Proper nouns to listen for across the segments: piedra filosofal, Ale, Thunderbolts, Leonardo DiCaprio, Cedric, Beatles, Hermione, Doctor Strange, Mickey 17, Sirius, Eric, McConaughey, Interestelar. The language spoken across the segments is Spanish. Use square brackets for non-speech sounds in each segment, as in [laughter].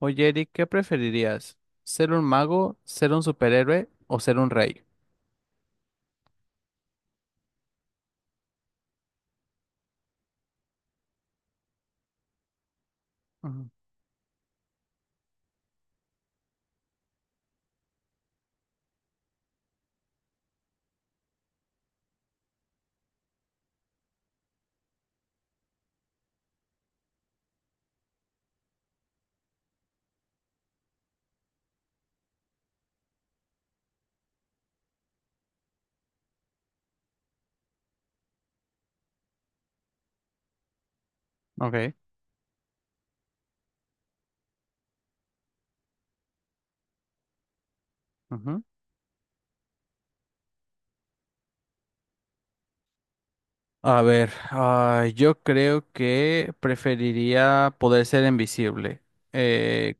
Oye, Eric, ¿qué preferirías? ¿Ser un mago, ser un superhéroe o ser un rey? Ujú. Ok. Ujú. A ver, yo creo que preferiría poder ser invisible. Eh,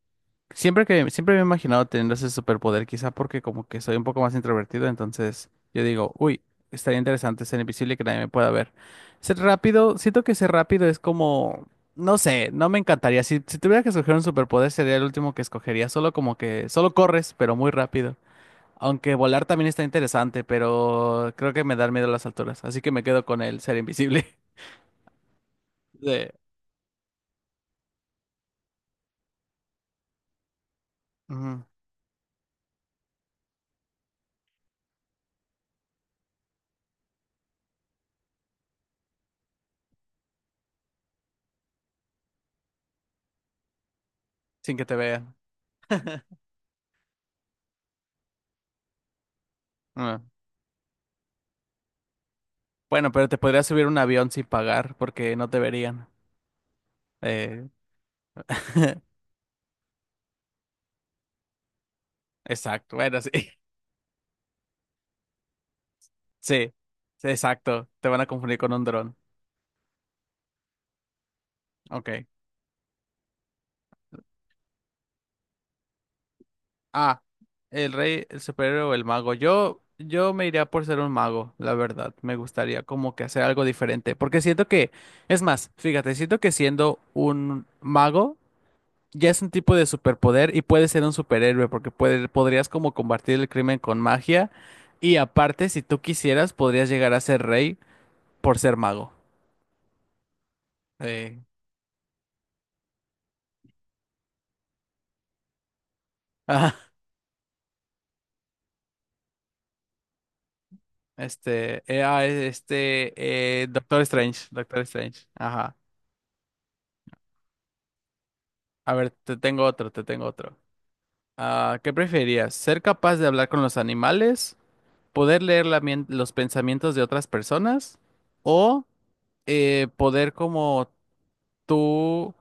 siempre me he imaginado teniendo ese superpoder, quizá porque como que soy un poco más introvertido, entonces yo digo, uy, estaría interesante ser invisible y que nadie me pueda ver. Ser rápido, siento que ser rápido es como, no sé, no me encantaría. Si tuviera que escoger un superpoder, sería el último que escogería, solo como que, solo corres, pero muy rápido. Aunque volar también está interesante, pero creo que me da miedo las alturas, así que me quedo con el ser invisible. [laughs] De, ujú, sin que te vean. Ah. Bueno, pero te podrías subir a un avión sin pagar porque no te verían. Eh, [laughs] exacto, bueno, sí. [laughs] Sí, sí, exacto. Te van a confundir con un dron. Ok. Ah, el rey, el superhéroe o el mago. Yo me iría por ser un mago, la verdad. Me gustaría como que hacer algo diferente. Porque siento que, es más, fíjate, siento que siendo un mago ya es un tipo de superpoder y puedes ser un superhéroe porque podrías como combatir el crimen con magia. Y aparte, si tú quisieras, podrías llegar a ser rey por ser mago. Eh. [laughs] Este, era este, Doctor Strange, Doctor Strange. Ajá. A ver, te tengo otro, te tengo otro. Ah, ¿qué preferirías? ¿Ser capaz de hablar con los animales? ¿Poder leer los pensamientos de otras personas? ¿O poder como tú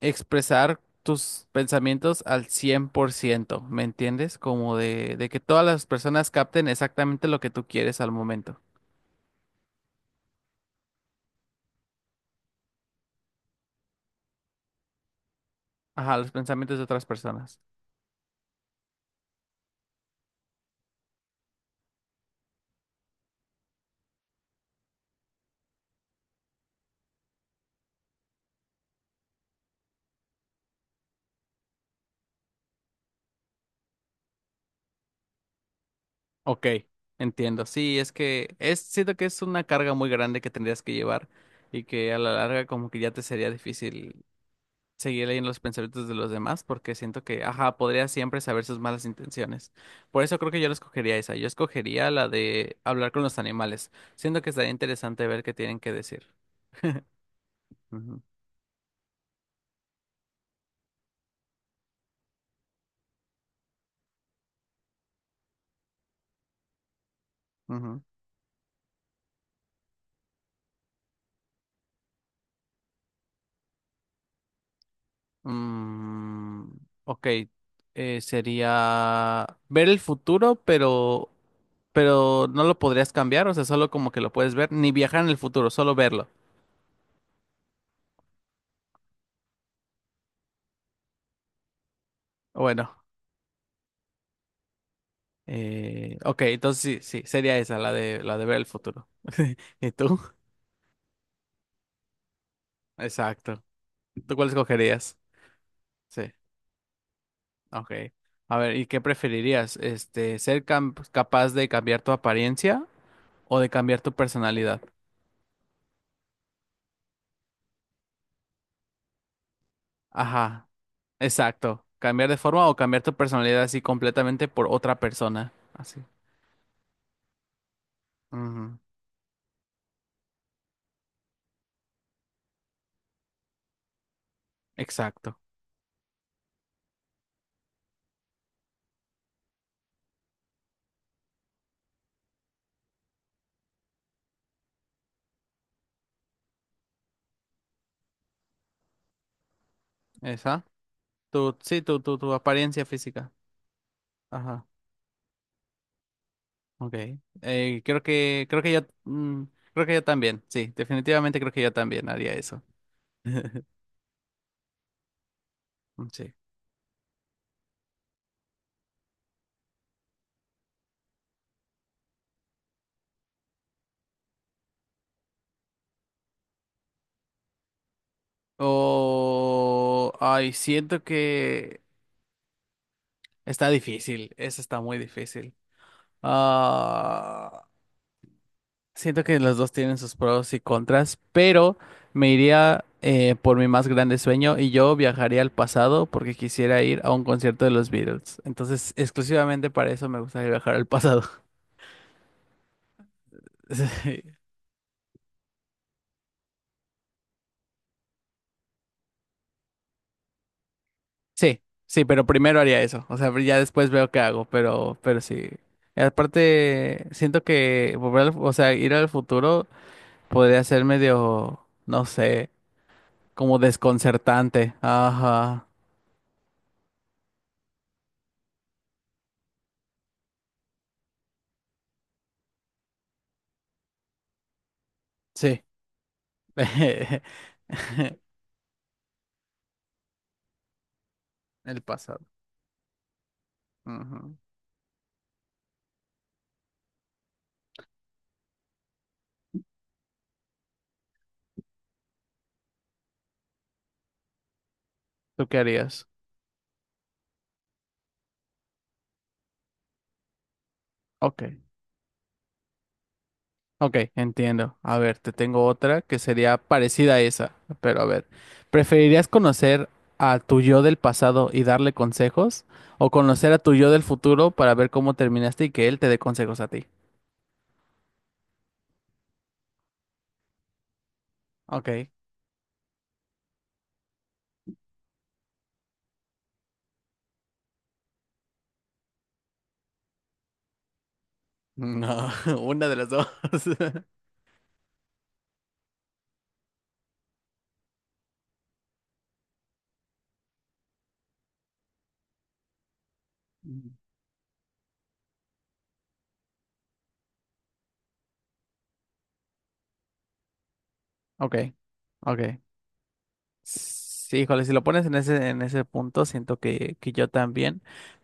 expresar tus pensamientos al 100%? ¿Me entiendes? Como de que todas las personas capten exactamente lo que tú quieres al momento. Ajá, los pensamientos de otras personas. Ok, entiendo. Sí, es que es, siento que es una carga muy grande que tendrías que llevar y que a la larga como que ya te sería difícil seguir leyendo los pensamientos de los demás porque siento que, ajá, podría siempre saber sus malas intenciones. Por eso creo que yo la escogería esa. Yo escogería la de hablar con los animales. Siento que estaría interesante ver qué tienen que decir. Ujú, ujú. Mm, ok, sería ver el futuro, pero no lo podrías cambiar, o sea, solo como que lo puedes ver, ni viajar en el futuro, solo verlo. Bueno, ok, entonces sí, sí, sería esa, la de ver el futuro. [laughs] ¿Y tú? Exacto. ¿Tú cuál escogerías? Sí, ok. A ver, ¿y qué preferirías? Este, ¿ser capaz de cambiar tu apariencia o de cambiar tu personalidad? Ajá, exacto. Cambiar de forma o cambiar tu personalidad así completamente por otra persona. Así. Ujú. Exacto. Esa. Tu, sí, tu apariencia física. Ajá, ok. Eh, creo que, creo que yo, mm, creo que yo también, sí, definitivamente creo que yo también haría eso. [laughs] Sí. O, ay, siento que eso está muy difícil. Ah, siento que los dos tienen sus pros y contras, pero me iría por mi más grande sueño y yo viajaría al pasado porque quisiera ir a un concierto de los Beatles. Entonces, exclusivamente para eso me gustaría viajar al pasado. [laughs] Sí, sí, pero primero haría eso. O sea, ya después veo qué hago, pero sí. Y aparte, siento que o sea, ir al futuro podría ser medio, no sé, como desconcertante. Ajá. Sí. [laughs] El pasado. Ujú. ¿Tú qué harías? Ok. Ok, entiendo. A ver, te tengo otra que sería parecida a esa, pero a ver, ¿preferirías conocer a tu yo del pasado y darle consejos o conocer a tu yo del futuro para ver cómo terminaste y que él te dé consejos a ti? Ok. No, [laughs] una de las dos. [laughs] Mm. Ok, ok. Sí, híjole, si lo pones en ese punto, siento que yo también,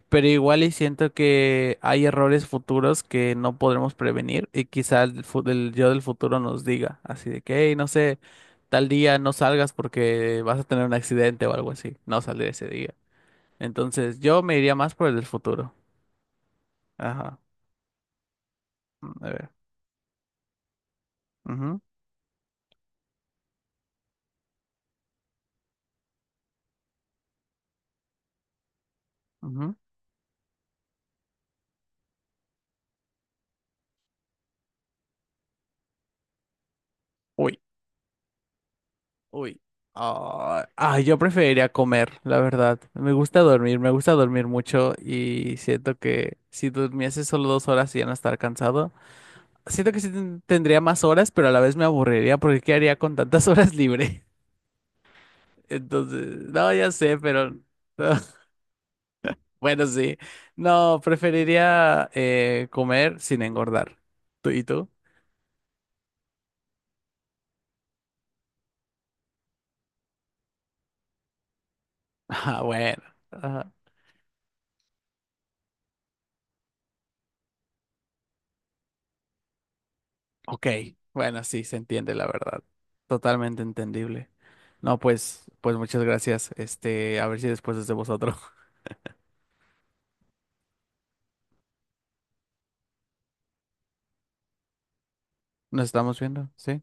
pero igual y siento que hay errores futuros que no podremos prevenir y quizá el yo del futuro nos diga, así de que, hey, no sé, tal día no salgas porque vas a tener un accidente o algo así, no salir ese día. Entonces yo me iría más por el del futuro. Ajá, mm, a ver. Ujú, ujú. Uy. Uy. Yo preferiría comer, la verdad. Me gusta dormir mucho y siento que si durmiese solo 2 horas y ya no estar cansado, siento que sí tendría más horas, pero a la vez me aburriría porque ¿qué haría con tantas horas libre? [laughs] Entonces, no, ya sé, pero [laughs] bueno, sí. No, preferiría comer sin engordar. ¿Tú y tú? [laughs] Ah, bueno. Ok, bueno, sí, se entiende la verdad. Totalmente entendible. No, pues, pues muchas gracias. Este, a ver si después es de vosotros. [laughs] Nos estamos viendo, ¿sí?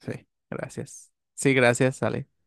Sí, gracias. Sí, gracias, Ale.